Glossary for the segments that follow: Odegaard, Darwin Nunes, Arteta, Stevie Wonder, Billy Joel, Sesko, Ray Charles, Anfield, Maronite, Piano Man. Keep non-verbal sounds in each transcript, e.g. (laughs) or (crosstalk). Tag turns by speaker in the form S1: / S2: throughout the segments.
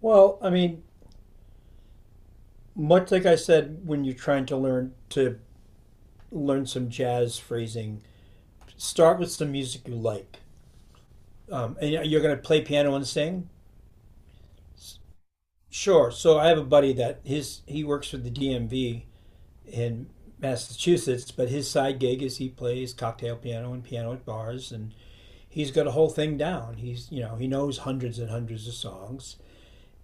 S1: Well, I mean, much like I said when you're trying to learn some jazz phrasing, start with some music you like. And you're going to play piano and sing? Sure. So I have a buddy that his he works for the DMV in Massachusetts, but his side gig is he plays cocktail piano and piano at bars, and he's got a whole thing down. He's, you know, he knows hundreds and hundreds of songs,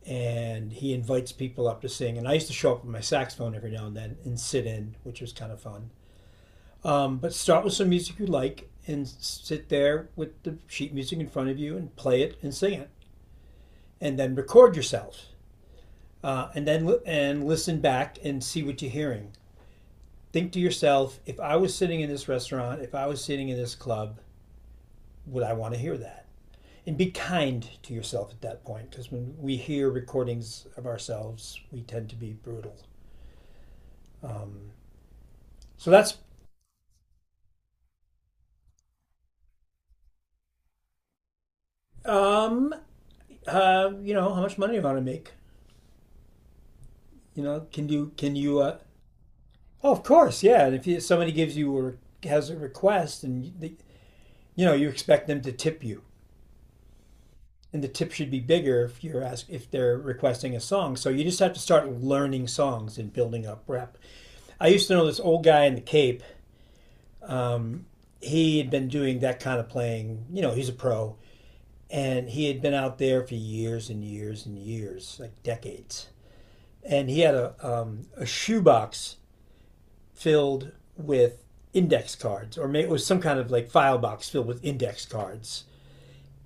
S1: and he invites people up to sing. And I used to show up with my saxophone every now and then and sit in, which was kind of fun. But start with some music you like and sit there with the sheet music in front of you and play it and sing it, and then record yourself. And listen back and see what you're hearing. Think to yourself, if I was sitting in this restaurant, if I was sitting in this club, would I want to hear that? And be kind to yourself at that point, because when we hear recordings of ourselves, we tend to be brutal. Um, so that's um, you know, how much money do you want to make? You know, can you Oh, of course, yeah. And if somebody gives you or has a request, and you know, you expect them to tip you, and the tip should be bigger if they're requesting a song. So you just have to start learning songs and building up rep. I used to know this old guy in the Cape. Um, he had been doing that kind of playing. You know, he's a pro, and he had been out there for years and years and years, like decades. And he had a shoebox filled with index cards, or maybe it was some kind of like file box filled with index cards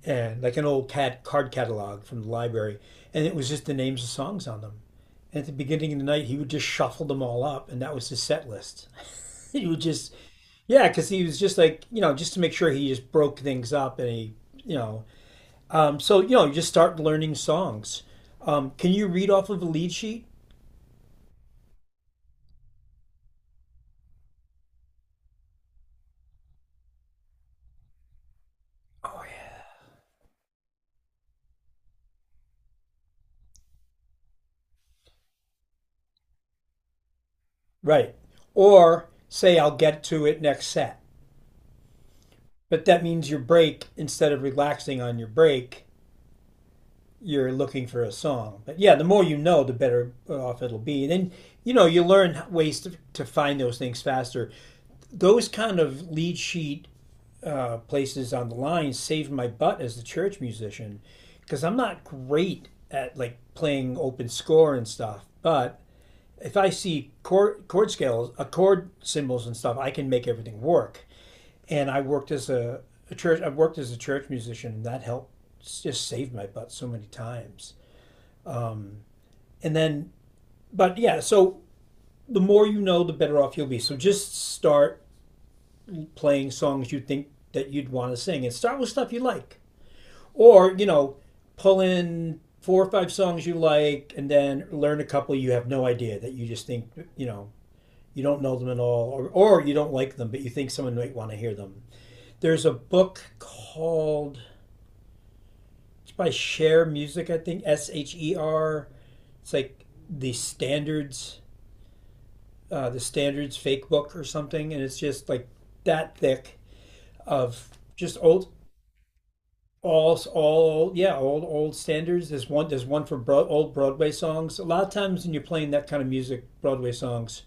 S1: and like an old cat card catalog from the library. And it was just the names of songs on them, and at the beginning of the night he would just shuffle them all up, and that was his set list. (laughs) He would just, yeah, because he was just like, you know, just to make sure he just broke things up. And he, you know so you know, you just start learning songs. Can you read off of a lead sheet? Oh yeah. Right, or say I'll get to it next set. But that means your break, instead of relaxing on your break, you're looking for a song. But yeah, the more you know, the better off it'll be. And then, you know, you learn ways to find those things faster. Those kind of lead sheet places on the line saved my butt as the church musician, because I'm not great at like playing open score and stuff. But if I see chord scales, chord symbols and stuff, I can make everything work. And I worked as a church musician, and that helped just save my butt so many times. And then, but yeah, so the more you know, the better off you'll be. So just start playing songs you think that you'd want to sing, and start with stuff you like, or you know, pull in four or five songs you like, and then learn a couple you have no idea that you just think, you know, you don't know them at all, or you don't like them, but you think someone might want to hear them. There's a book called, it's by Share Music, I think. Sher. It's like the standards fake book or something, and it's just like that thick of just yeah, old standards. There's one for old Broadway songs. A lot of times when you're playing that kind of music, Broadway songs,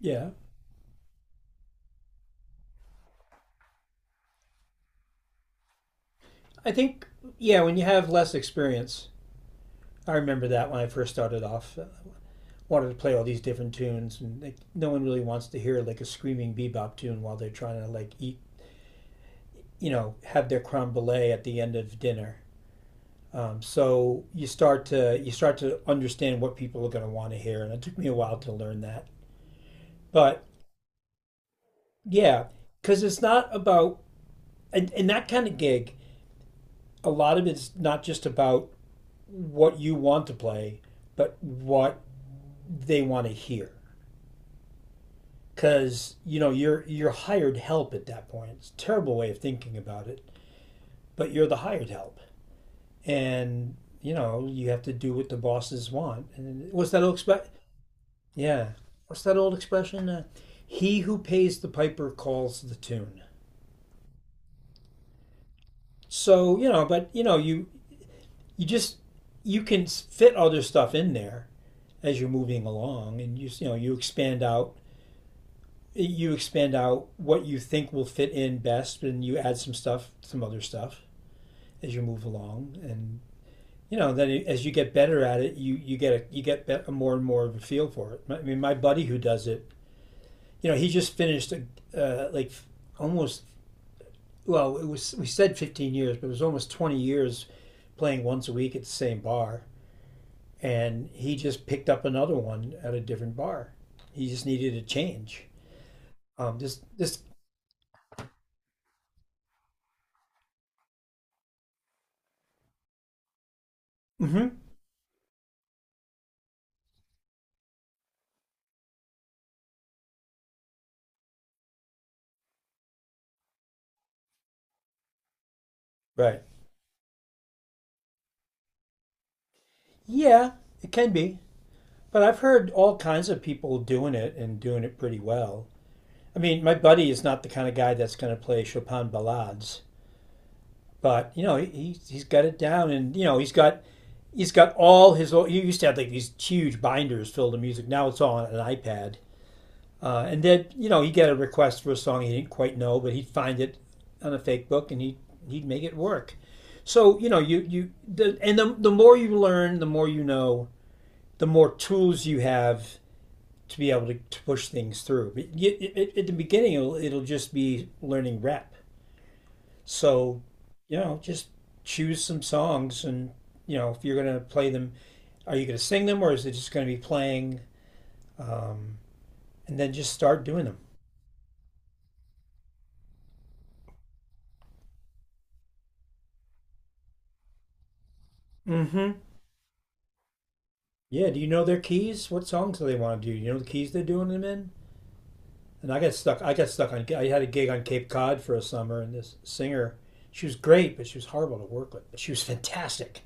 S1: yeah. I think, yeah, when you have less experience, I remember that when I first started off, wanted to play all these different tunes, and like no one really wants to hear like a screaming bebop tune while they're trying to like eat, you know, have their creme brulee at the end of dinner. So you start to understand what people are going to want to hear, and it took me a while to learn that. But yeah, because it's not about and that kind of gig. A lot of it's not just about what you want to play, but what they want to hear, because you know you're hired help at that point. It's a terrible way of thinking about it, but you're the hired help, and you know you have to do what the bosses want. And what's that old expression? Yeah, what's that old expression? He who pays the piper calls the tune. So you know, but you know, you just you can fit other stuff in there as you're moving along, and you know, you expand out what you think will fit in best, and you add some stuff, some other stuff as you move along. And you know, then as you get better at it, you get a more and more of a feel for it. I mean, my buddy who does it, you know, he just finished like almost, well, it was, we said 15 years, but it was almost 20 years playing once a week at the same bar, and he just picked up another one at a different bar. He just needed a change. Um, this this mm-hmm, right, yeah, it can be. But I've heard all kinds of people doing it and doing it pretty well. I mean, my buddy is not the kind of guy that's going to play Chopin ballades, but you know, he's got it down, and you know, he's got all He used to have like these huge binders filled with music. Now it's all on an iPad. And then you know, he'd get a request for a song he didn't quite know, but he'd find it on a fake book, and he'd make it work. So you know, you the, and the the more you learn, the more you know, the more tools you have to be able to push things through. But at the beginning, it'll just be learning rep. So, you know, just choose some songs, and you know, if you're going to play them, are you going to sing them, or is it just going to be playing? Um, and then just start doing them. Mm-hmm. Yeah. Do you know their keys? What songs do they want to do? You know the keys they're doing them in? And I got stuck. I got stuck on. I had a gig on Cape Cod for a summer, and this singer, she was great, but she was horrible to work with. She was fantastic,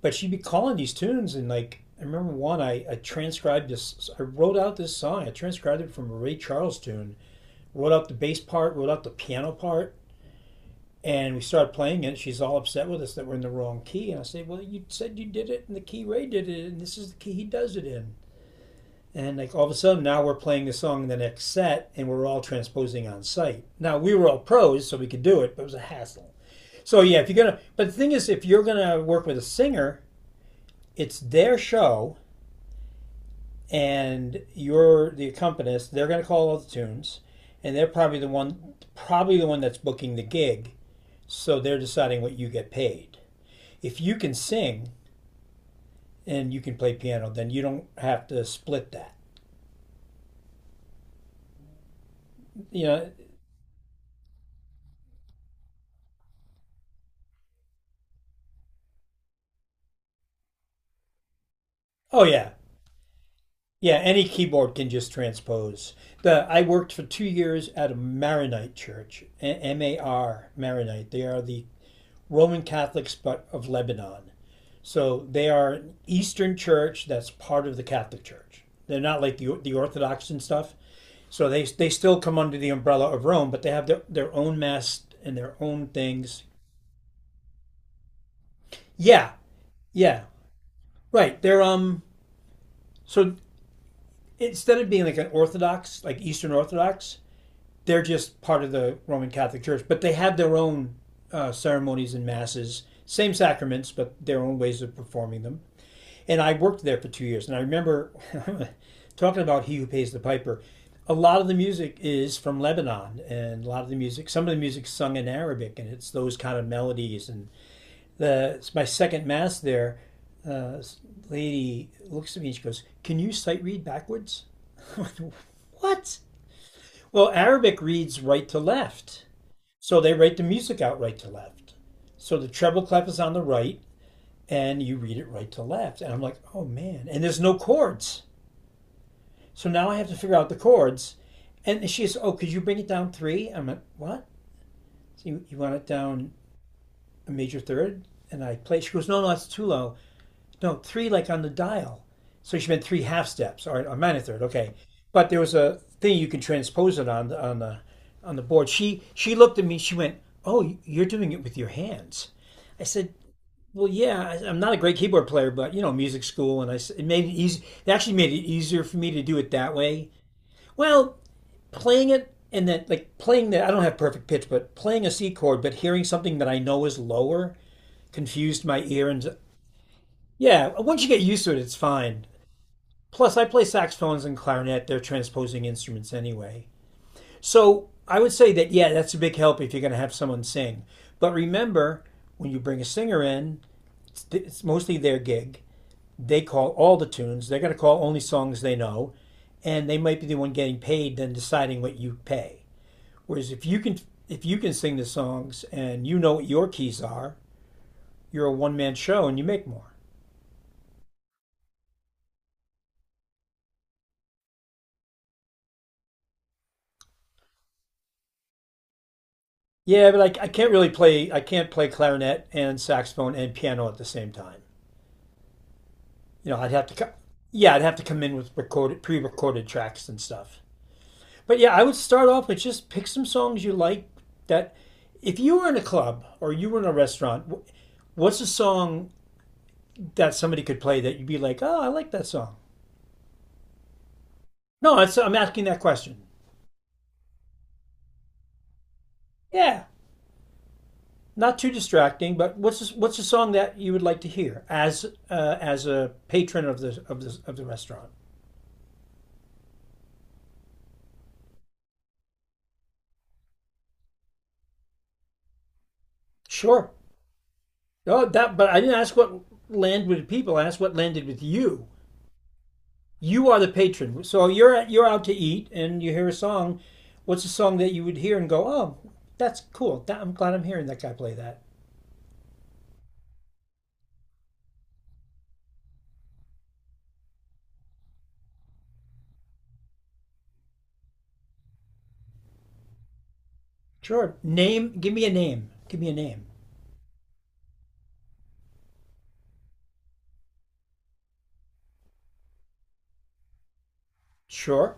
S1: but she'd be calling these tunes, and like I remember one, I transcribed this. I wrote out this song. I transcribed it from a Ray Charles tune, wrote out the bass part, wrote out the piano part, and we started playing it. She's all upset with us that we're in the wrong key. And I said, well, you said you did it in the key Ray did it, and this is the key he does it in. And like all of a sudden, now we're playing the song in the next set, and we're all transposing on site. Now we were all pros, so we could do it, but it was a hassle. So yeah, if you're gonna, but the thing is, if you're gonna work with a singer, it's their show, and you're the accompanist. They're gonna call all the tunes, and they're probably probably the one that's booking the gig. So they're deciding what you get paid. If you can sing and you can play piano, then you don't have to split that. You know, oh yeah. Yeah, any keyboard can just transpose. The I worked for 2 years at a Maronite church, MAR, Maronite. They are the Roman Catholics but of Lebanon. So they are an Eastern church that's part of the Catholic Church. They're not like the Orthodox and stuff. So they still come under the umbrella of Rome, but they have their own mess and their own things. Yeah, yeah, right. They're. So instead of being like an Orthodox, like Eastern Orthodox, they're just part of the Roman Catholic Church, but they have their own ceremonies and masses, same sacraments, but their own ways of performing them. And I worked there for 2 years. And I remember (laughs) talking about He Who Pays the Piper. A lot of the music is from Lebanon, and a lot of the music, some of the music's sung in Arabic, and it's those kind of melodies. And the it's my second mass there, this lady looks at me and she goes, "Can you sight read backwards?" (laughs) What? Well, Arabic reads right to left, so they write the music out right to left. So the treble clef is on the right, and you read it right to left. And I'm like, oh man. And there's no chords. So now I have to figure out the chords. And she says, oh, could you bring it down three? I'm like, what? So you want it down a major third? And I play. She goes, no, no, that's too low. No, three like on the dial. So she meant three half steps, or a minor third. Okay. But there was a thing you can transpose it on the board. She looked at me. She went, oh, you're doing it with your hands. I said, well, yeah, am not a great keyboard player, but you know, music school, and it made it easy. It actually made it easier for me to do it that way. Well, playing it and then like playing that, I don't have perfect pitch, but playing a C chord, but hearing something that I know is lower confused my ear, and yeah, once you get used to it, it's fine. Plus, I play saxophones and clarinet; they're transposing instruments anyway. So I would say that, yeah, that's a big help if you're going to have someone sing. But remember, when you bring a singer in, it's mostly their gig. They call all the tunes. They're going to call only songs they know, and they might be the one getting paid than deciding what you pay. Whereas if you can sing the songs and you know what your keys are, you're a one man show and you make more. Yeah, but I can't really play. I can't play clarinet and saxophone and piano at the same time. You know, I'd have to. Co- Yeah, I'd have to come in with recorded pre recorded tracks and stuff. But yeah, I would start off with just pick some songs you like that, if you were in a club or you were in a restaurant, what's a song that somebody could play that you'd be like, "Oh, I like that song." No, it's, I'm asking that question. Yeah, not too distracting, but what's a song that you would like to hear as a patron of the of the of the restaurant? Sure. Oh, that. But I didn't ask what landed with people. I asked what landed with you. You are the patron. So you're out to eat and you hear a song. What's a song that you would hear and go, "Oh, that's cool. That, I'm glad I'm hearing that guy play that." Sure. Name. Give me a name. Give me a name. Sure.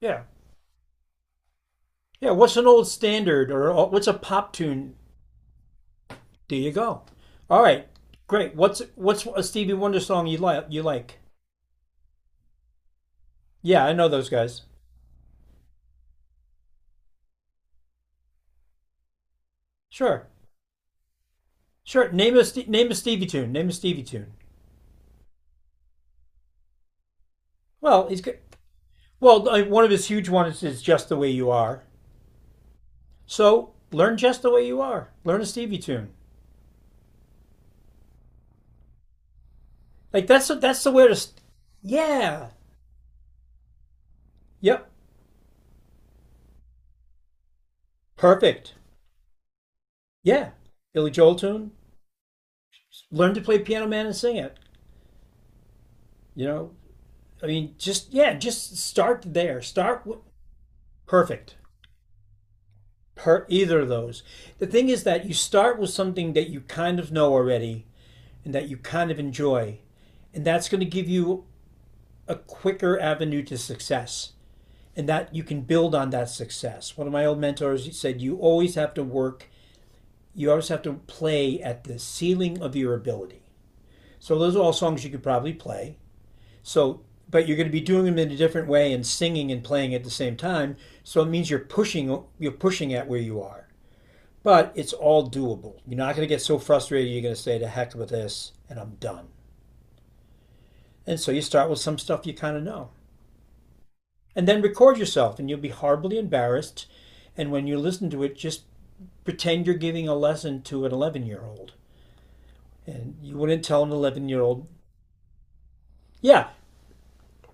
S1: Yeah. Yeah. What's an old standard or what's a pop tune? There you go. All right. Great. What's a Stevie Wonder song you like? You like? Yeah, I know those guys. Sure. Sure. Name a Stevie tune. Name a Stevie tune. Well, he's good. Well, one of his huge ones is "Just the Way You Are." So learn just the way you are. Learn a Stevie tune. Like that's the way to. Yeah. Yep. Perfect. Yeah. Billy Joel tune. Learn to play Piano Man and sing it. You know. I mean, just yeah, just start there. Start with perfect. Per either of those. The thing is that you start with something that you kind of know already and that you kind of enjoy, and that's going to give you a quicker avenue to success, and that you can build on that success. One of my old mentors said, you always have to work, you always have to play at the ceiling of your ability. So those are all songs you could probably play. So, but you're going to be doing them in a different way and singing and playing at the same time. So it means you're pushing at where you are. But it's all doable. You're not going to get so frustrated. You're going to say, "To heck with this," and I'm done. And so you start with some stuff you kind of know, and then record yourself, and you'll be horribly embarrassed. And when you listen to it, just pretend you're giving a lesson to an 11-year-old year old, and you wouldn't tell an 11-year-old year old, yeah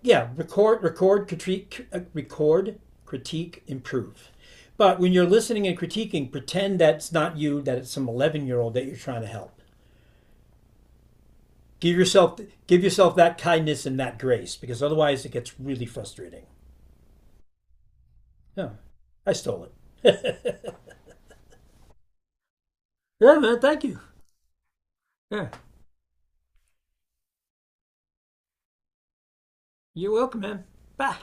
S1: yeah, record, critique, record, critique, improve. But when you're listening and critiquing, pretend that's not you, that it's some 11-year-old year old that you're trying to help. Give yourself give yourself that kindness and that grace, because otherwise it gets really frustrating. Yeah, I stole it. Yeah man, thank you. Yeah. You're welcome man. Bye.